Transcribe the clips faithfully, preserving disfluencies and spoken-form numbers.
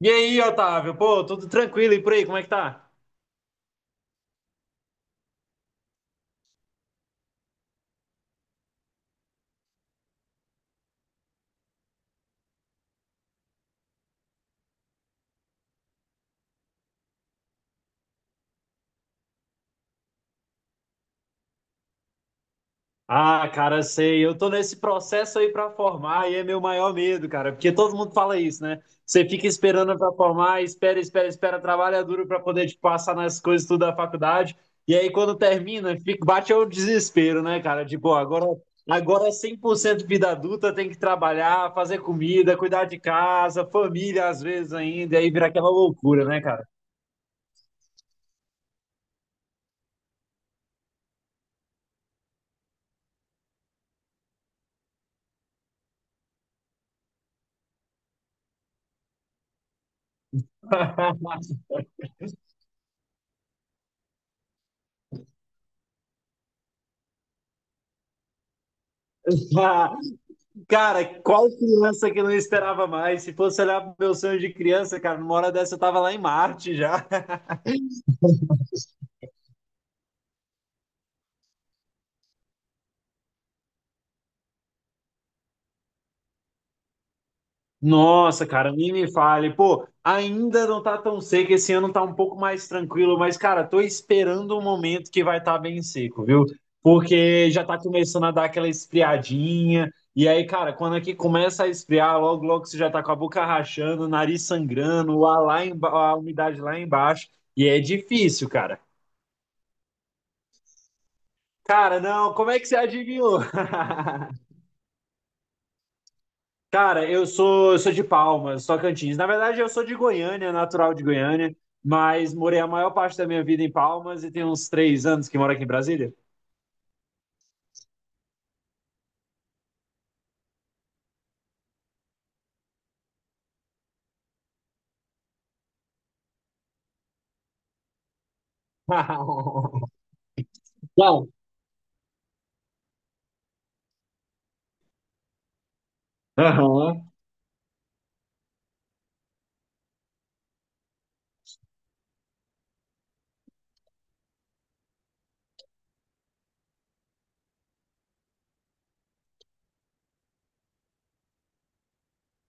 E aí, Otávio? Pô, tudo tranquilo e por aí, como é que tá? Ah, cara, sei, eu tô nesse processo aí pra formar e é meu maior medo, cara, porque todo mundo fala isso, né? Você fica esperando pra formar, espera, espera, espera, trabalha duro pra poder te passar nas coisas tudo da faculdade. E aí quando termina, fica, bate o desespero, né, cara? De, pô, agora agora é cem por cento vida adulta, tem que trabalhar, fazer comida, cuidar de casa, família às vezes ainda, e aí vira aquela loucura, né, cara? Cara, qual criança que não esperava mais? Se fosse olhar pro meu sonho de criança, cara, numa hora dessa eu tava lá em Marte já. Nossa, cara, nem me fale. Pô, ainda não tá tão seco, esse ano tá um pouco mais tranquilo, mas, cara, tô esperando um momento que vai estar tá bem seco, viu? Porque já tá começando a dar aquela esfriadinha. E aí, cara, quando aqui começa a esfriar, logo, logo você já tá com a boca rachando, o nariz sangrando, o ar lá emba- a umidade lá embaixo. E é difícil, cara. Cara, não, como é que você adivinhou? Cara, eu sou, eu sou de Palmas, Tocantins. Na verdade, eu sou de Goiânia, natural de Goiânia, mas morei a maior parte da minha vida em Palmas e tem uns três anos que moro aqui em Brasília. Não. Aham.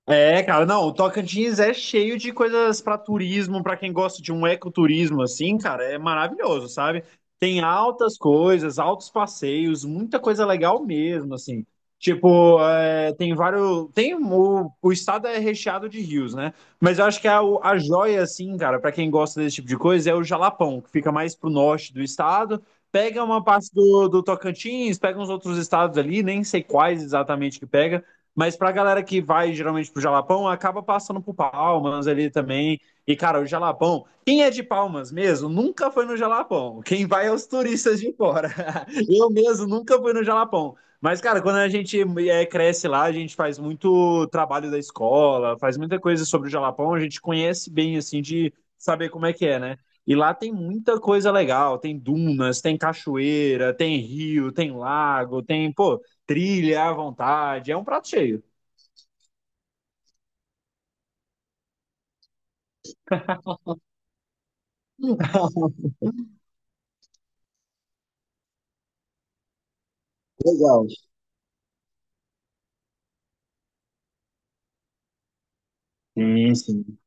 É, cara, não, o Tocantins é cheio de coisas para turismo, para quem gosta de um ecoturismo assim, cara, é maravilhoso, sabe? Tem altas coisas, altos passeios, muita coisa legal mesmo, assim. Tipo, é, tem vários, tem o, o estado é recheado de rios, né? Mas eu acho que a, o- a joia, assim, cara, para quem gosta desse tipo de coisa, é o Jalapão, que fica mais pro norte do estado. Pega uma parte do, do Tocantins, pega uns outros estados ali, nem sei quais exatamente que pega mas pra galera que vai geralmente pro Jalapão, acaba passando por Palmas ali também. E, cara, o Jalapão, quem é de Palmas mesmo, nunca foi no Jalapão. Quem vai é os turistas de fora. Eu mesmo nunca fui no Jalapão. Mas, cara, quando a gente é, cresce lá, a gente faz muito trabalho da escola, faz muita coisa sobre o Jalapão, a gente conhece bem, assim, de saber como é que é, né? E lá tem muita coisa legal, tem dunas, tem cachoeira, tem rio, tem lago, tem, pô, trilha à vontade, é um prato cheio. Legal. Sim, sim.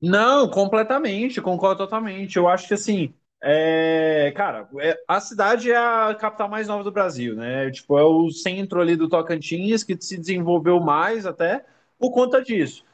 Não, completamente, concordo totalmente. Eu acho que assim, é, cara, é, a cidade é a capital mais nova do Brasil, né? Tipo, é o centro ali do Tocantins que se desenvolveu mais até por conta disso.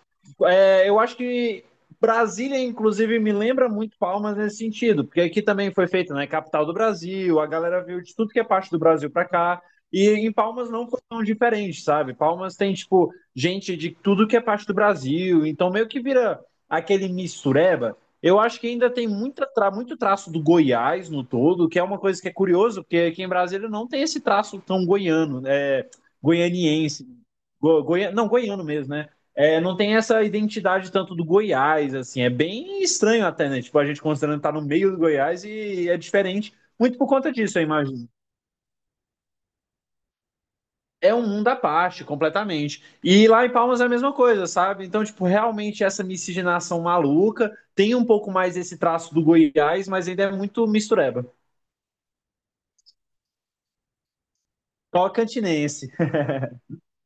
É, eu acho que Brasília, inclusive, me lembra muito Palmas nesse sentido, porque aqui também foi feito, né? Capital do Brasil, a galera viu de tudo que é parte do Brasil para cá. E em Palmas não foi tão diferente, sabe? Palmas tem, tipo, gente de tudo que é parte do Brasil, então meio que vira aquele mistureba. Eu acho que ainda tem muita tra muito traço do Goiás no todo, que é uma coisa que é curioso, porque aqui em Brasília não tem esse traço tão goiano, é, goianiense. Go, goi não, goiano mesmo, né? É, não tem essa identidade tanto do Goiás, assim, é bem estranho até, né? Tipo, a gente considerando estar tá no meio do Goiás e é diferente, muito por conta disso, eu imagino. É um mundo à parte, completamente. E lá em Palmas é a mesma coisa, sabe? Então, tipo, realmente essa miscigenação maluca tem um pouco mais esse traço do Goiás, mas ainda é muito mistureba. Tocantinense.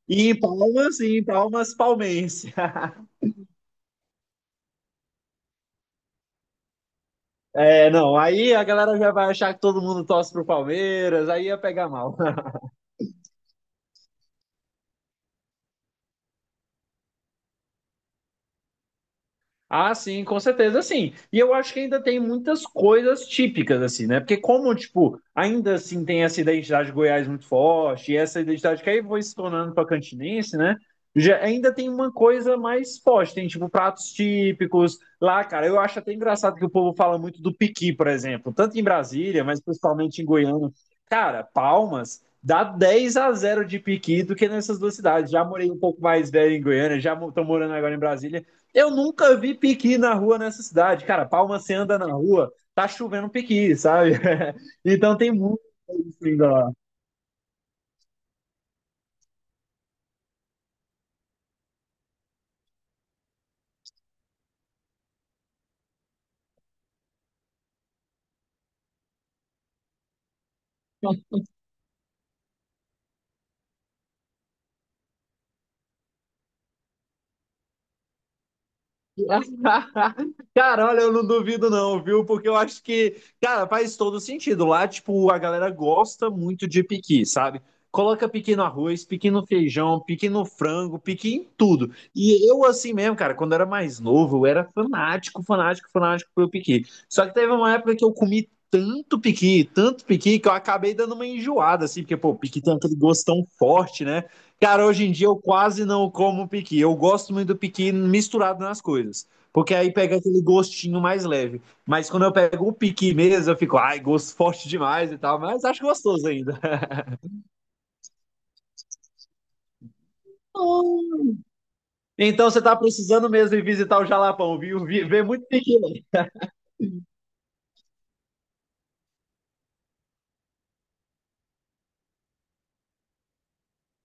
E em Palmas, e em Palmas, palmense. É, não, aí a galera já vai achar que todo mundo torce pro Palmeiras, aí ia pegar mal. Ah, sim, com certeza, sim. E eu acho que ainda tem muitas coisas típicas, assim, né? Porque como, tipo, ainda assim tem essa identidade de Goiás muito forte, e essa identidade que aí foi se tornando pacantinense, né? Já, ainda tem uma coisa mais forte, tem, tipo, pratos típicos lá, cara. Eu acho até engraçado que o povo fala muito do piqui, por exemplo, tanto em Brasília, mas principalmente em Goiânia. Cara, Palmas dá dez a zero de piqui do que nessas duas cidades. Já morei um pouco mais velho em Goiânia, já estou morando agora em Brasília. Eu nunca vi piqui na rua nessa cidade. Cara, Palma, você anda na rua, tá chovendo piqui, sabe? Então tem muito isso ainda lá. Cara, olha, eu não duvido não, viu? Porque eu acho que, cara, faz todo sentido. Lá, tipo, a galera gosta muito de piqui, sabe? Coloca piqui no arroz, piqui no feijão, piqui no frango, piqui em tudo. E eu, assim mesmo, cara, quando eu era mais novo, eu era fanático, fanático, fanático pelo piqui. Só que teve uma época que eu comi tanto piqui, tanto piqui, que eu acabei dando uma enjoada, assim, porque, pô, piqui tem aquele gosto tão forte, né? Cara, hoje em dia eu quase não como piqui. Eu gosto muito do piqui misturado nas coisas. Porque aí pega aquele gostinho mais leve. Mas quando eu pego o piqui mesmo, eu fico, ai, gosto forte demais e tal. Mas acho gostoso ainda. Então você tá precisando mesmo ir visitar o Jalapão, viu? Vi- Vê muito piqui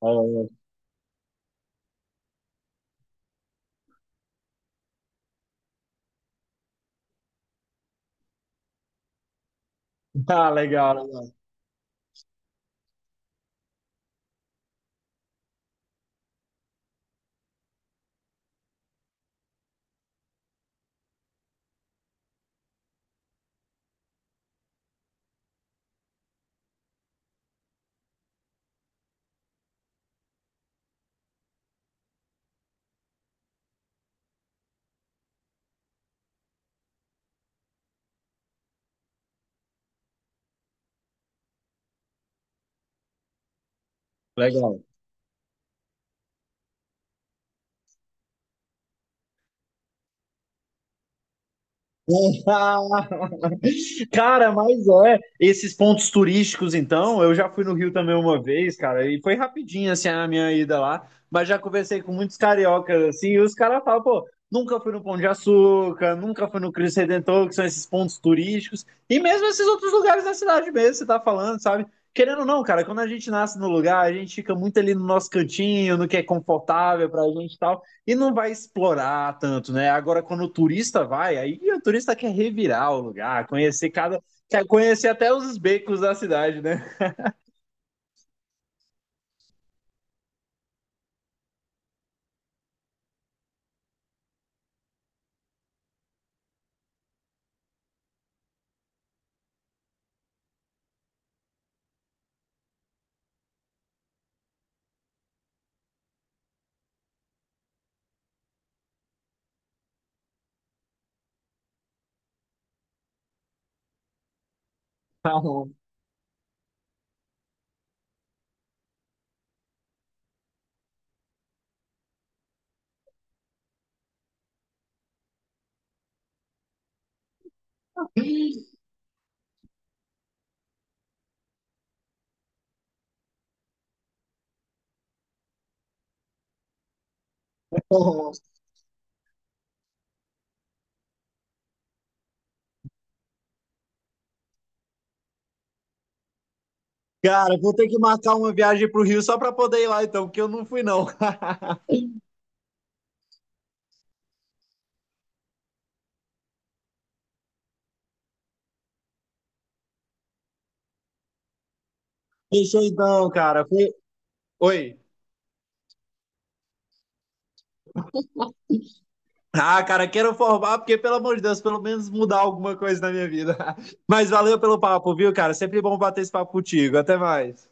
lá. Ah, legal, legal. Legal. Cara, mas é, esses pontos turísticos, então, eu já fui no Rio também uma vez, cara, e foi rapidinho, assim, a minha ida lá, mas já conversei com muitos cariocas, assim, e os caras falam, pô, nunca fui no Pão de Açúcar, nunca fui no Cristo Redentor, que são esses pontos turísticos, e mesmo esses outros lugares da cidade mesmo, você tá falando, sabe? Querendo ou não, cara, quando a gente nasce no lugar, a gente fica muito ali no nosso cantinho, no que é confortável pra gente e tal, e não vai explorar tanto, né? Agora, quando o turista vai, aí o turista quer revirar o lugar, conhecer cada. Quer conhecer até os becos da cidade, né? Oh, cara, vou ter que marcar uma viagem pro Rio só pra poder ir lá, então, porque eu não fui, não. Fechou então, cara. Fui... Oi. Ah, cara, quero formar, porque, pelo amor de Deus, pelo menos mudar alguma coisa na minha vida. Mas valeu pelo papo, viu, cara? Sempre bom bater esse papo contigo. Até mais.